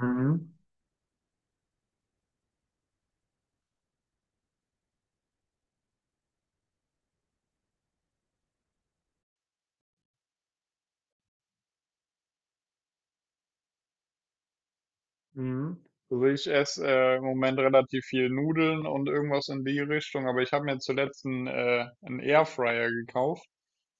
Mhm. Mhm. Also ich esse im Moment relativ viel Nudeln und irgendwas in die Richtung, aber ich habe mir zuletzt einen Airfryer gekauft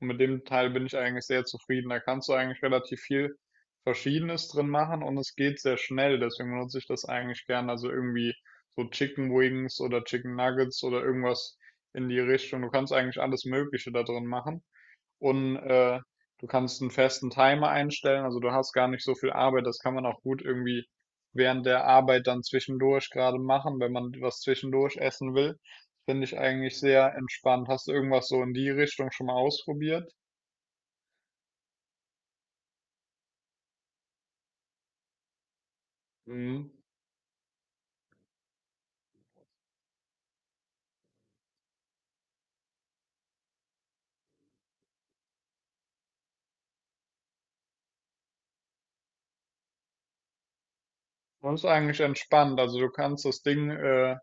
und mit dem Teil bin ich eigentlich sehr zufrieden. Da kannst du eigentlich relativ viel Verschiedenes drin machen und es geht sehr schnell, deswegen nutze ich das eigentlich gern. Also irgendwie so Chicken Wings oder Chicken Nuggets oder irgendwas in die Richtung. Du kannst eigentlich alles Mögliche da drin machen. Und du kannst einen festen Timer einstellen, also du hast gar nicht so viel Arbeit, das kann man auch gut irgendwie während der Arbeit dann zwischendurch gerade machen, wenn man was zwischendurch essen will. Finde ich eigentlich sehr entspannt. Hast du irgendwas so in die Richtung schon mal ausprobiert? Mhm. Das ist eigentlich entspannt, also du kannst das Ding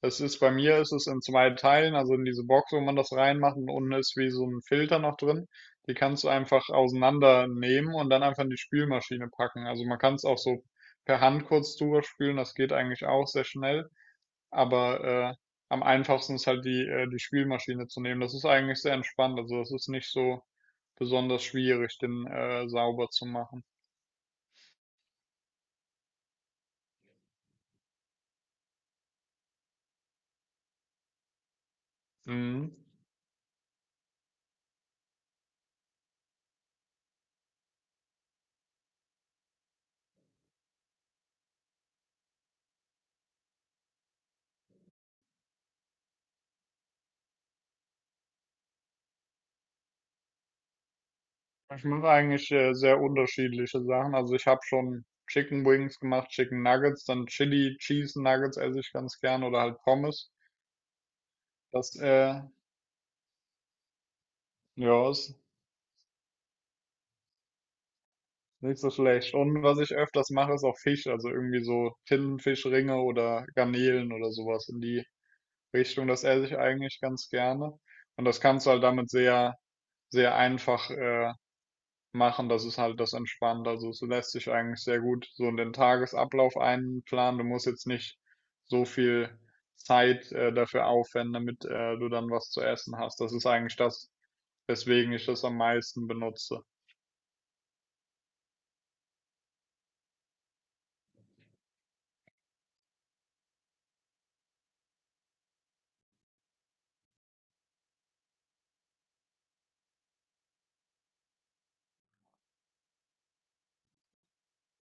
Es ist bei mir ist es in zwei Teilen, also in diese Box, wo man das reinmacht und unten ist wie so ein Filter noch drin. Die kannst du einfach auseinandernehmen und dann einfach in die Spülmaschine packen. Also man kann es auch so per Hand kurz drüber spülen, das geht eigentlich auch sehr schnell. Aber äh, am einfachsten ist halt die Spülmaschine zu nehmen. Das ist eigentlich sehr entspannt, also das ist nicht so besonders schwierig, den sauber zu machen. Mhm. Ich mache eigentlich sehr unterschiedliche Sachen. Also ich habe schon Chicken Wings gemacht, Chicken Nuggets, dann Chili Cheese Nuggets esse ich ganz gern oder halt Pommes. Das, äh, ja, ist nicht so schlecht. Und was ich öfters mache, ist auch Fisch. Also irgendwie so Tintenfischringe oder Garnelen oder sowas in die Richtung. Das esse ich eigentlich ganz gerne. Und das kannst du halt damit sehr, sehr einfach, machen. Das ist halt das entspannt. Also es lässt sich eigentlich sehr gut so in den Tagesablauf einplanen. Du musst jetzt nicht so viel Zeit dafür aufwenden, damit du dann was zu essen hast. Das ist eigentlich das, weswegen ich das am meisten benutze.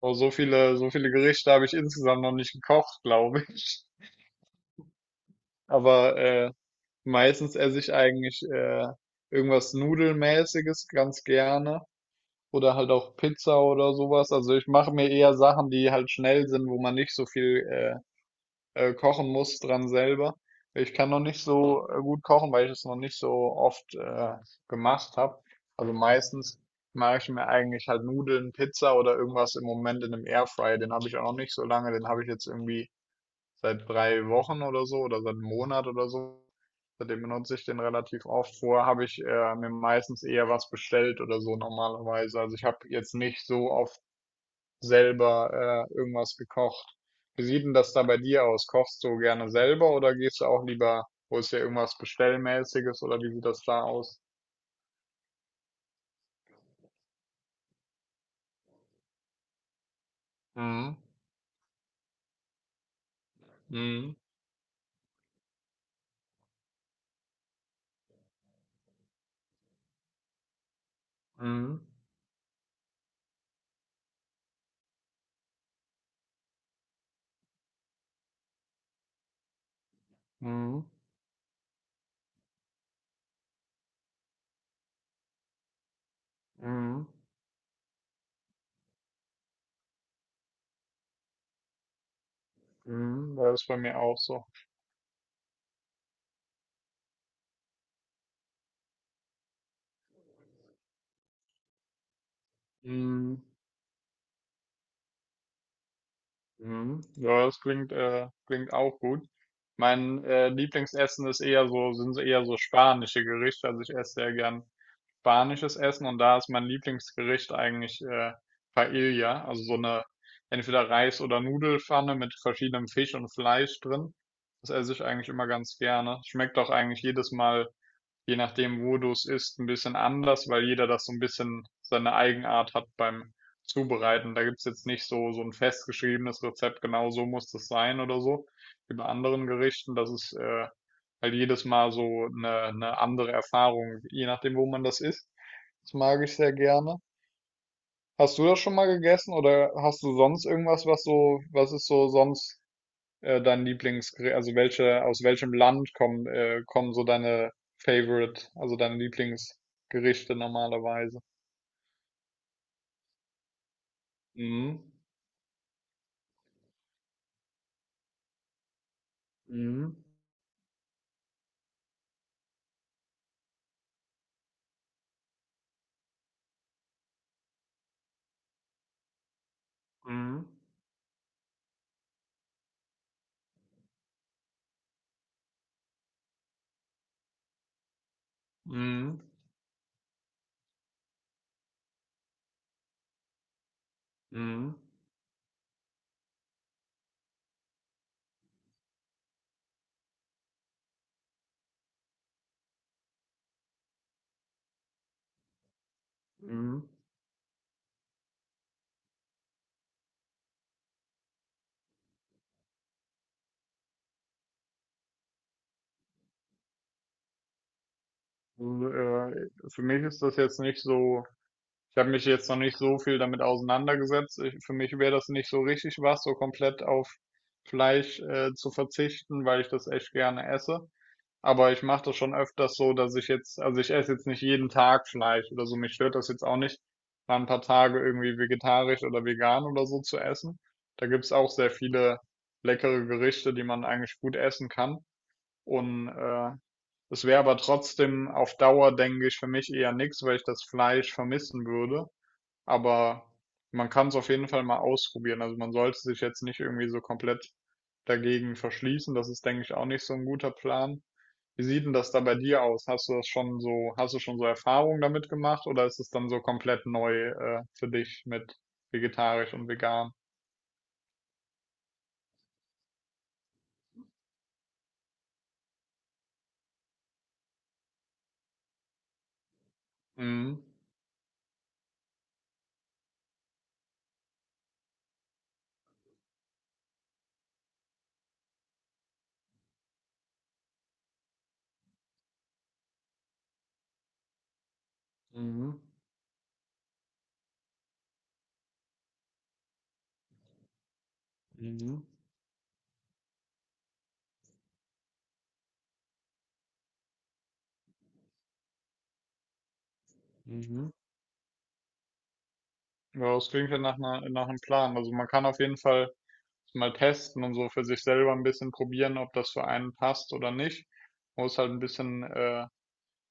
Oh, so viele Gerichte habe ich insgesamt noch nicht gekocht, glaube ich. Aber meistens esse ich eigentlich irgendwas Nudelmäßiges ganz gerne. Oder halt auch Pizza oder sowas. Also ich mache mir eher Sachen, die halt schnell sind, wo man nicht so viel kochen muss dran selber. Ich kann noch nicht so gut kochen, weil ich es noch nicht so oft gemacht habe. Also meistens mache ich mir eigentlich halt Nudeln, Pizza oder irgendwas im Moment in einem Airfryer. Den habe ich auch noch nicht so lange. Den habe ich jetzt irgendwie seit 3 Wochen oder so oder seit 1 Monat oder so. Seitdem benutze ich den relativ oft. Vorher habe ich mir meistens eher was bestellt oder so normalerweise. Also ich habe jetzt nicht so oft selber irgendwas gekocht. Wie sieht denn das da bei dir aus? Kochst du gerne selber oder gehst du auch lieber, holst dir irgendwas Bestellmäßiges oder wie sieht das da aus? Mhm. Mhm. Mhm. Mhm. Mhm. Mhm. Das ist bei mir auch so. Mhm. Mhm. Ja, das klingt, klingt auch gut. Mein Lieblingsessen ist eher so, sind so eher so spanische Gerichte. Also ich esse sehr gern spanisches Essen und da ist mein Lieblingsgericht eigentlich Paella, also so eine entweder Reis- oder Nudelpfanne mit verschiedenem Fisch und Fleisch drin. Das esse ich eigentlich immer ganz gerne. Schmeckt auch eigentlich jedes Mal je nachdem, wo du es isst, ein bisschen anders, weil jeder das so ein bisschen seine Eigenart hat beim Zubereiten. Da gibt's jetzt nicht so, so ein festgeschriebenes Rezept, genau so muss das sein oder so, wie bei anderen Gerichten. Das ist halt jedes Mal so eine andere Erfahrung, je nachdem, wo man das isst. Das mag ich sehr gerne. Hast du das schon mal gegessen oder hast du sonst irgendwas, was so, was ist so sonst dein Lieblingsgericht, also welche, aus welchem Land kommen, kommen so deine Favorite, also deine Lieblingsgerichte normalerweise? Mhm. Mhm. Mhm. Mhm. Mhm. Mhm. Also, für mich ist das jetzt nicht so, ich habe mich jetzt noch nicht so viel damit auseinandergesetzt. Ich, für mich wäre das nicht so richtig was, so komplett auf Fleisch zu verzichten, weil ich das echt gerne esse. Aber ich mache das schon öfters so, dass ich jetzt, also ich esse jetzt nicht jeden Tag Fleisch oder so. Mich stört das jetzt auch nicht, mal ein paar Tage irgendwie vegetarisch oder vegan oder so zu essen. Da gibt's auch sehr viele leckere Gerichte, die man eigentlich gut essen kann. Und es wäre aber trotzdem auf Dauer, denke ich, für mich eher nichts, weil ich das Fleisch vermissen würde. Aber man kann es auf jeden Fall mal ausprobieren. Also man sollte sich jetzt nicht irgendwie so komplett dagegen verschließen. Das ist, denke ich, auch nicht so ein guter Plan. Wie sieht denn das da bei dir aus? Hast du das schon so, hast du schon so Erfahrungen damit gemacht oder ist es dann so komplett neu, für dich mit vegetarisch und vegan? Mhm. Mhm. Mhm. Mhm. Ja, das klingt ja nach einer, nach einem Plan. Also man kann auf jeden Fall mal testen und so für sich selber ein bisschen probieren, ob das für einen passt oder nicht. Muss halt ein bisschen,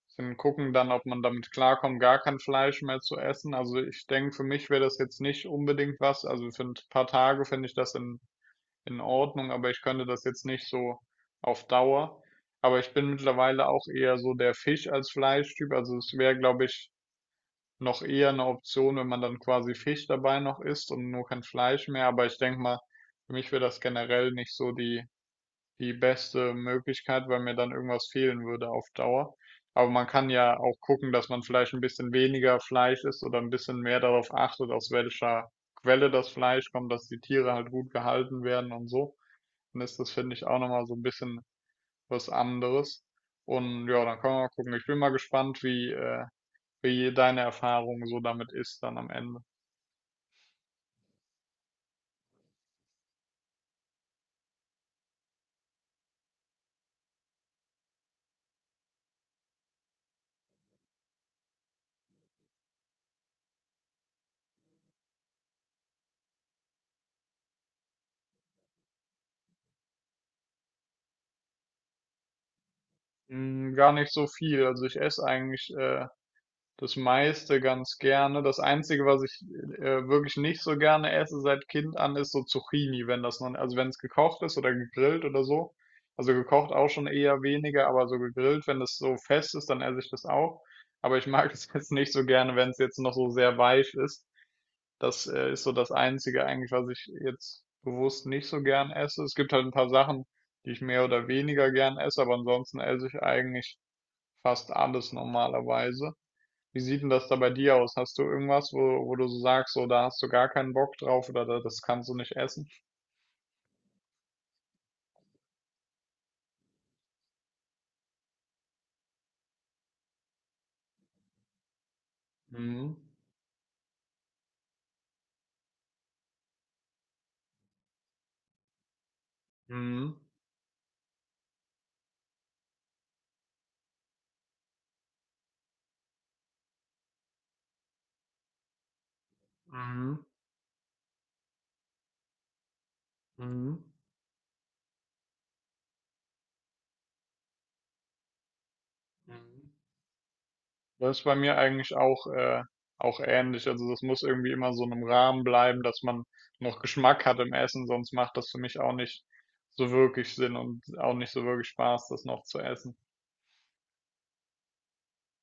bisschen gucken dann, ob man damit klarkommt, gar kein Fleisch mehr zu essen. Also ich denke, für mich wäre das jetzt nicht unbedingt was. Also für ein paar Tage finde ich das in Ordnung, aber ich könnte das jetzt nicht so auf Dauer. Aber ich bin mittlerweile auch eher so der Fisch als Fleischtyp. Also es wäre, glaube ich, noch eher eine Option, wenn man dann quasi Fisch dabei noch isst und nur kein Fleisch mehr. Aber ich denke mal, für mich wäre das generell nicht so die, die beste Möglichkeit, weil mir dann irgendwas fehlen würde auf Dauer. Aber man kann ja auch gucken, dass man vielleicht ein bisschen weniger Fleisch isst oder ein bisschen mehr darauf achtet, aus welcher Quelle das Fleisch kommt, dass die Tiere halt gut gehalten werden und so. Dann ist das, finde ich, auch nochmal so ein bisschen was anderes. Und ja, dann können wir mal gucken. Ich bin mal gespannt, wie, wie deine Erfahrung so damit ist dann am Ende? Hm, gar nicht so viel. Also ich esse eigentlich das meiste ganz gerne. Das Einzige, was ich wirklich nicht so gerne esse seit Kind an, ist so Zucchini, wenn das noch, also wenn es gekocht ist oder gegrillt oder so. Also gekocht auch schon eher weniger, aber so gegrillt, wenn das so fest ist, dann esse ich das auch. Aber ich mag es jetzt nicht so gerne, wenn es jetzt noch so sehr weich ist. Das ist so das Einzige eigentlich, was ich jetzt bewusst nicht so gern esse. Es gibt halt ein paar Sachen, die ich mehr oder weniger gern esse, aber ansonsten esse ich eigentlich fast alles normalerweise. Wie sieht denn das da bei dir aus? Hast du irgendwas, wo, wo du so sagst, so da hast du gar keinen Bock drauf oder da, das kannst du nicht essen? Mhm. Mhm. Mhm. Mhm. Mhm. Das ist bei mir eigentlich auch, auch ähnlich. Also das muss irgendwie immer so in einem Rahmen bleiben, dass man noch Geschmack hat im Essen, sonst macht das für mich auch nicht so wirklich Sinn und auch nicht so wirklich Spaß, das noch zu essen.